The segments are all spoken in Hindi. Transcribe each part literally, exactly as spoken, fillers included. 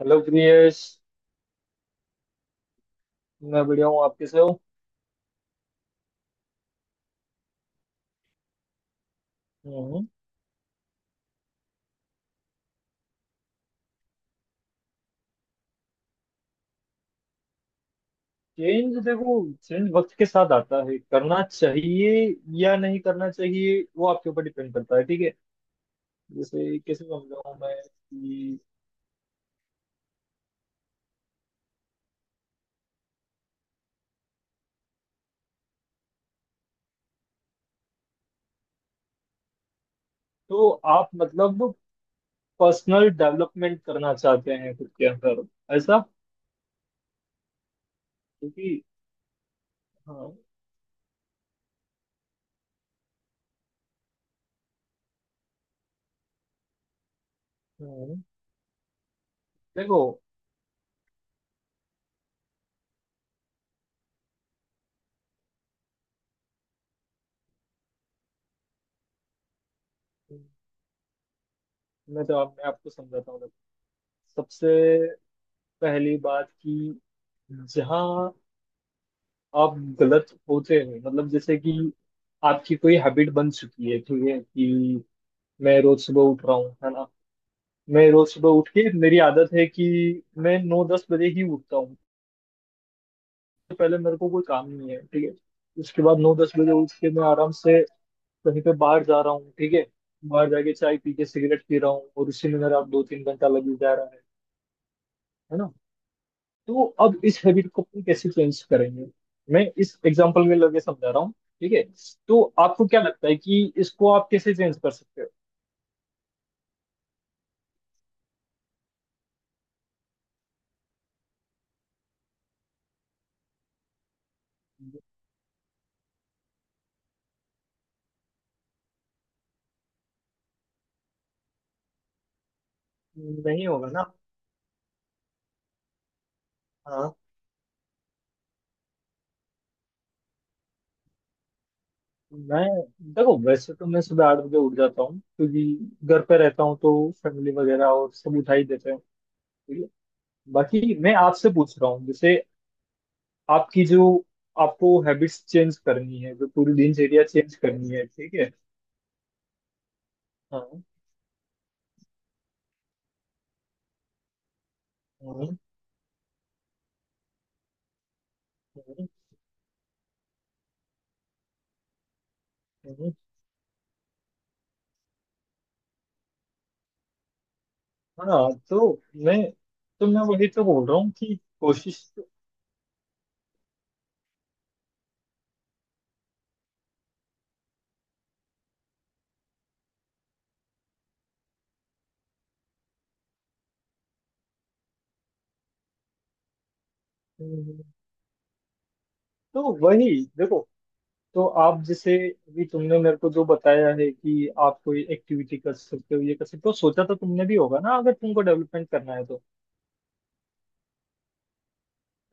हेलो प्रियेश। मैं बढ़िया हूँ, आप कैसे हो? हम्म। चेंज देखो। चेंज वक्त के साथ आता है, करना चाहिए या नहीं करना चाहिए वो आपके ऊपर डिपेंड करता है। ठीक है। जैसे कैसे समझाऊं मैं कि तो आप मतलब पर्सनल डेवलपमेंट करना चाहते हैं खुद के अंदर? ऐसा? क्योंकि हाँ। हम्म। देखो, मैं तो आप, मैं आपको समझाता हूँ। सबसे पहली बात कि जहाँ आप गलत होते हैं, मतलब जैसे कि आपकी कोई हैबिट बन चुकी है, ठीक है, कि मैं रोज सुबह उठ रहा हूँ, है ना। मैं रोज सुबह उठ के मेरी आदत है कि मैं नौ दस बजे ही उठता हूँ। तो पहले मेरे को कोई काम नहीं है, ठीक है। उसके बाद नौ दस बजे उठ के मैं आराम से कहीं पे बाहर जा रहा हूँ, ठीक है। बाहर जाके चाय पी के सिगरेट पी रहा हूँ और उसी में मेरा दो तीन घंटा लग ही जा रहा है है ना। तो अब इस हैबिट को अपन कैसे चेंज करेंगे? मैं इस एग्जांपल में लगे समझा रहा हूँ, ठीक है। तो आपको क्या लगता है कि इसको आप कैसे चेंज कर सकते हो? नहीं होगा ना। हाँ। मैं देखो, वैसे तो मैं सुबह आठ बजे उठ जाता हूँ, क्योंकि घर पे रहता हूँ तो फैमिली वगैरह और सब उठा ही देते हैं, ठीक है। बाकी मैं आपसे पूछ रहा हूँ, जैसे आपकी जो आपको हैबिट्स चेंज करनी है, जो पूरी दिनचर्या चेंज करनी है, ठीक है। हाँ, हाँ, हाँ, हाँ, हाँ। तो मैं तो मैं वही तो बोल रहा हूँ कि कोशिश तो। तो वही देखो। तो आप जैसे अभी तुमने मेरे को जो बताया है कि आप कोई एक्टिविटी कर सकते हो, ये कर सकते हो, तो सोचा तो तुमने भी होगा ना, अगर तुमको डेवलपमेंट करना है तो।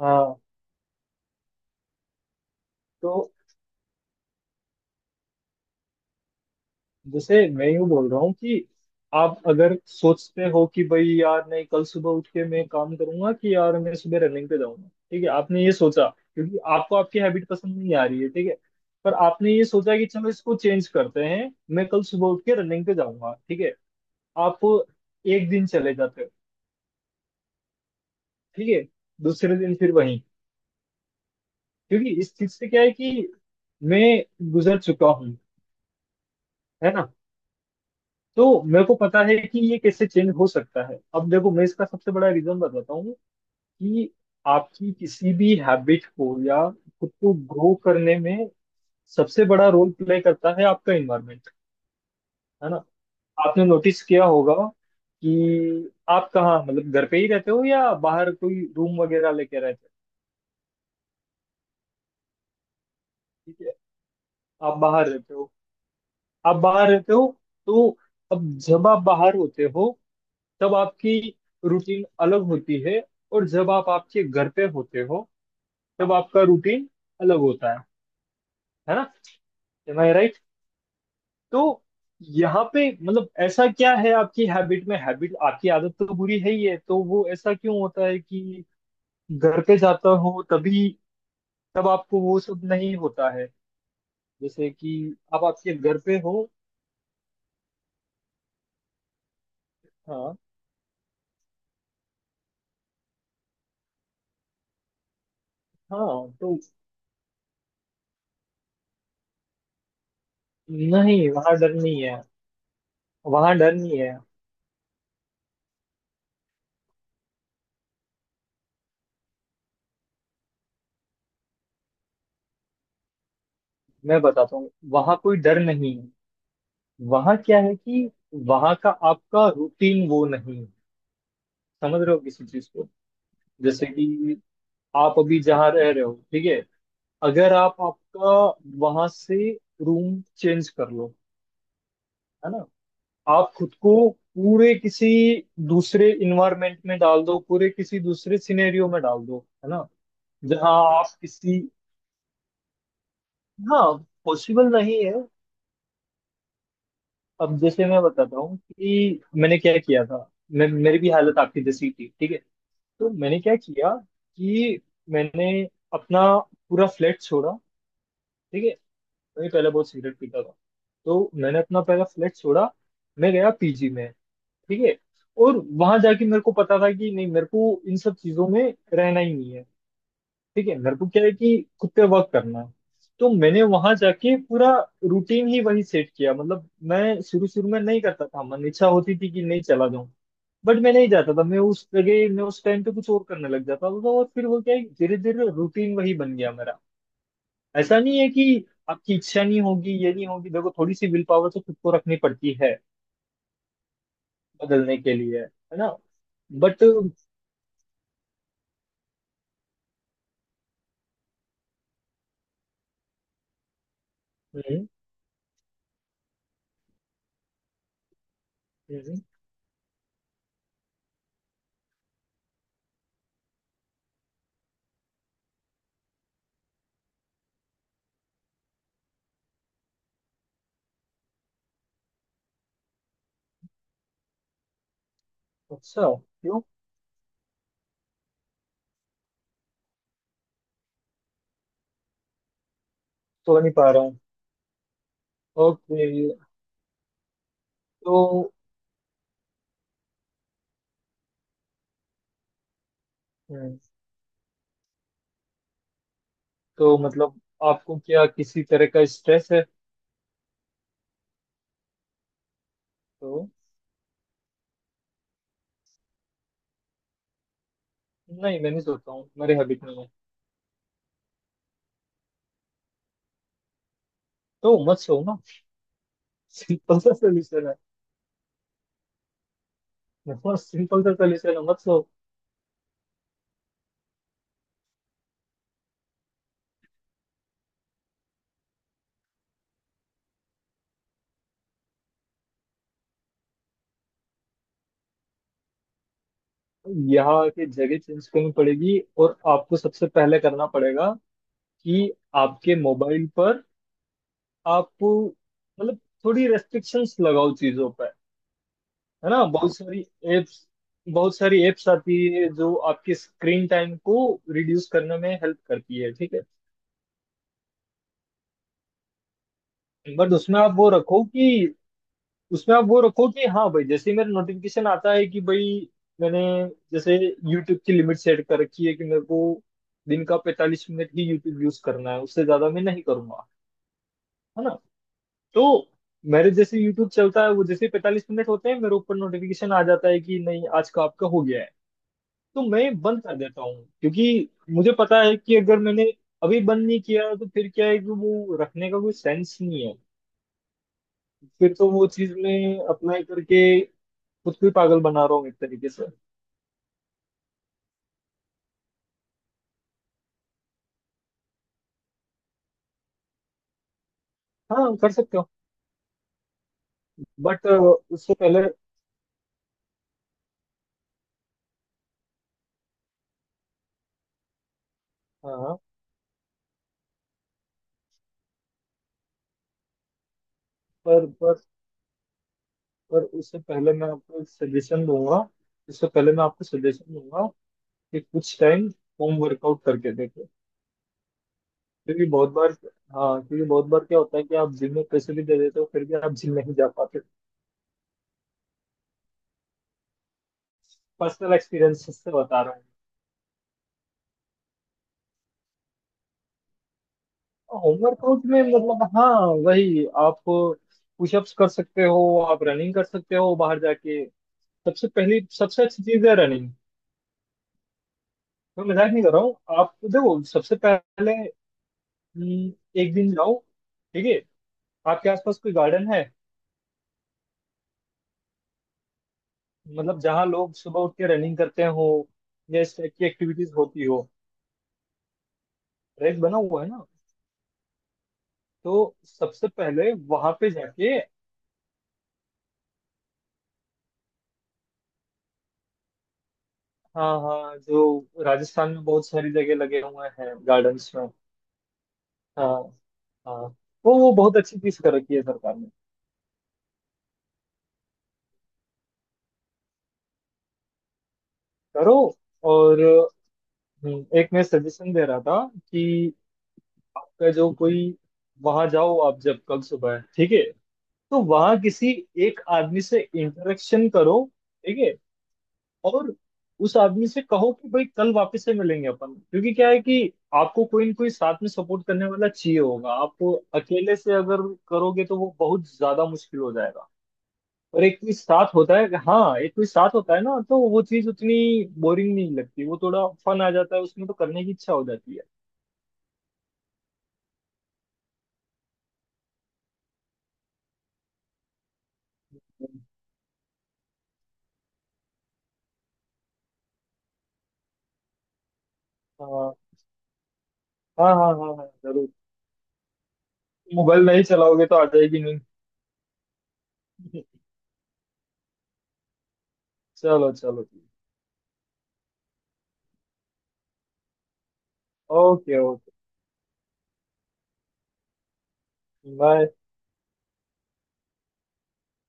हाँ। तो जैसे मैं यूं बोल रहा हूँ कि आप अगर सोचते हो कि भाई यार नहीं, कल सुबह उठ के मैं काम करूंगा, कि यार मैं सुबह रनिंग पे जाऊंगा, ठीक है, आपने ये सोचा, क्योंकि आपको आपकी हैबिट पसंद नहीं आ रही है, ठीक है। पर आपने ये सोचा कि चलो इसको चेंज करते हैं, मैं कल सुबह उठ के रनिंग पे जाऊंगा, ठीक है। आप एक दिन चले जाते हो, ठीक है। दूसरे दिन फिर वहीं। क्योंकि इस चीज से क्या है कि मैं गुजर चुका हूँ, है ना। तो मेरे को पता है कि ये कैसे चेंज हो सकता है। अब देखो, मैं इसका सबसे बड़ा रीजन बताता हूँ कि आपकी किसी भी हैबिट को या खुद को ग्रो करने में सबसे बड़ा रोल प्ले करता है आपका इन्वायरमेंट। है ना। आपने नोटिस किया होगा कि आप कहाँ, मतलब घर पे ही रहते हो या बाहर कोई रूम वगैरह लेके रहते हो? ठीक है। आप बाहर रहते हो, आप बाहर रहते हो, तो अब जब आप बाहर होते हो तब आपकी रूटीन अलग होती है, और जब आप आपके घर पे होते हो तब आपका रूटीन अलग होता है है ना। तो यहाँ पे मतलब ऐसा क्या है आपकी हैबिट में? हैबिट आपकी आदत तो बुरी है ही है, तो वो ऐसा क्यों होता है कि घर पे जाता हो तभी, तब आपको वो सब नहीं होता है? जैसे कि आप आपके घर पे हो। हाँ। हाँ तो नहीं, वहाँ डर नहीं है। वहाँ डर नहीं है, मैं बताता हूँ वहाँ कोई डर नहीं है। वहाँ क्या है कि वहाँ का आपका रूटीन वो नहीं है। समझ रहे हो किसी चीज को? जैसे कि आप अभी जहाँ रह रहे हो, ठीक है, अगर आप आपका वहां से रूम चेंज कर लो, है ना, आप खुद को पूरे किसी दूसरे इन्वायरमेंट में डाल दो, पूरे किसी दूसरे सिनेरियो में डाल दो, है ना, जहाँ आप किसी। हाँ, पॉसिबल नहीं है। अब जैसे मैं बताता हूँ कि मैंने क्या किया था। मैं, मेरी भी हालत आपकी जैसी थी, ठीक है। तो मैंने क्या किया कि मैंने अपना पूरा फ्लैट छोड़ा, ठीक है। मैं पहले बहुत सिगरेट पीता था, तो मैंने अपना पहला फ्लैट छोड़ा, मैं गया पीजी में, ठीक है। और वहां जाके मेरे को पता था कि नहीं, मेरे को इन सब चीजों में रहना ही नहीं है, ठीक है। मेरे को क्या है कि खुद पे वर्क करना है। तो मैंने वहां जाके पूरा रूटीन ही वही सेट किया। मतलब मैं शुरू शुरू में नहीं करता था, मन इच्छा होती थी कि नहीं चला जाऊं, बट मैं नहीं जाता था, मैं उस जगह मैं उस टाइम पे कुछ और करने लग जाता था, और फिर वो क्या है धीरे धीरे रूटीन वही बन गया मेरा। ऐसा नहीं है कि आपकी इच्छा नहीं होगी, ये नहीं होगी। देखो, थोड़ी सी विल पावर तो खुद को रखनी पड़ती है बदलने के लिए, है ना। बट अच्छा, क्यों? तो नहीं पा रहा हूँ। ओके। तो हम्म, तो मतलब आपको क्या किसी तरह का स्ट्रेस है? तो नहीं, मैं नहीं सोता हूँ, मेरे हैबिट में है। तो मत सो ना। सिंपल सा सोल्यूशन है। बहुत सिंपल सा सोल्यूशन है, मत सो। यहाँ की जगह चेंज करनी पड़ेगी, और आपको सबसे पहले करना पड़ेगा कि आपके मोबाइल पर आप मतलब थोड़ी रेस्ट्रिक्शंस लगाओ चीजों पर, है ना। बहुत सारी एप्स, बहुत सारी एप्स आती है जो आपके स्क्रीन टाइम को रिड्यूस करने में हेल्प करती है, ठीक है। बट उसमें आप वो रखो कि, उसमें आप वो रखो कि हाँ भाई, जैसे ही मेरा नोटिफिकेशन आता है कि भाई, मैंने जैसे यूट्यूब की लिमिट सेट कर रखी है कि मेरे को दिन का पैंतालीस मिनट ही यूट्यूब यूज करना है, उससे ज्यादा मैं नहीं करूंगा, है ना। तो मेरे जैसे यूट्यूब चलता है, वो जैसे पैंतालीस मिनट होते हैं मेरे ऊपर नोटिफिकेशन आ जाता है कि नहीं, आज का आपका हो गया है। तो मैं बंद कर देता हूँ, क्योंकि मुझे पता है कि अगर मैंने अभी बंद नहीं किया तो फिर क्या है कि वो रखने का कोई सेंस नहीं है। फिर तो वो चीज मैं अप्लाई करके खुद को ही पागल बना रहा हूँ एक तरीके से। हाँ कर सकते हो, बट उससे पहले। हाँ। पर पर पर उससे पहले मैं आपको सजेशन दूंगा, उससे पहले मैं आपको सजेशन दूंगा कि कुछ टाइम होम वर्कआउट करके देखो, क्योंकि बहुत बार, हाँ, क्योंकि बहुत बार क्या होता है कि आप जिम में पैसे भी दे देते हो फिर भी आप जिम नहीं जा पाते। पर्सनल एक्सपीरियंस से बता रहा हूँ। होमवर्कआउट में मतलब हाँ, वही आप पुशअप्स कर सकते हो, आप रनिंग कर सकते हो बाहर जाके। सबसे पहली सबसे अच्छी चीज है रनिंग। मैं मजाक नहीं कर रहा हूँ, आप देखो। सबसे पहले हम्म, एक दिन जाओ, ठीक है। आपके आसपास कोई गार्डन है, मतलब जहाँ लोग सुबह उठ के रनिंग करते हो या इस टाइप की एक्टिविटीज होती हो? ट्रैक बना हुआ है ना, तो सबसे पहले वहां पे जाके। हाँ हाँ, जो राजस्थान में बहुत सारी जगह लगे हुए हैं गार्डन्स में। हाँ। हाँ। वो वो बहुत अच्छी चीज कर रखी है सरकार ने। करो। और हम्म, एक मैं सजेशन दे रहा था कि आपका जो कोई, वहां जाओ आप जब कल सुबह, ठीक है, तो वहां किसी एक आदमी से इंटरेक्शन करो, ठीक है, और उस आदमी से कहो कि भाई कल वापस से मिलेंगे अपन, क्योंकि क्या है कि आपको कोई ना कोई साथ में सपोर्ट करने वाला चाहिए होगा। आप अकेले से अगर करोगे तो वो बहुत ज्यादा मुश्किल हो जाएगा। और एक कोई साथ होता है, हाँ, एक कोई साथ होता है ना, तो वो चीज उतनी बोरिंग नहीं लगती, वो थोड़ा फन आ जाता है, उसमें तो करने की इच्छा हो जाती है। हाँ, हाँ, हाँ, हाँ, हाँ, जरूर। मोबाइल नहीं चलाओगे तो आ जाएगी नहीं। चलो, चलो। Okay, okay. बाय।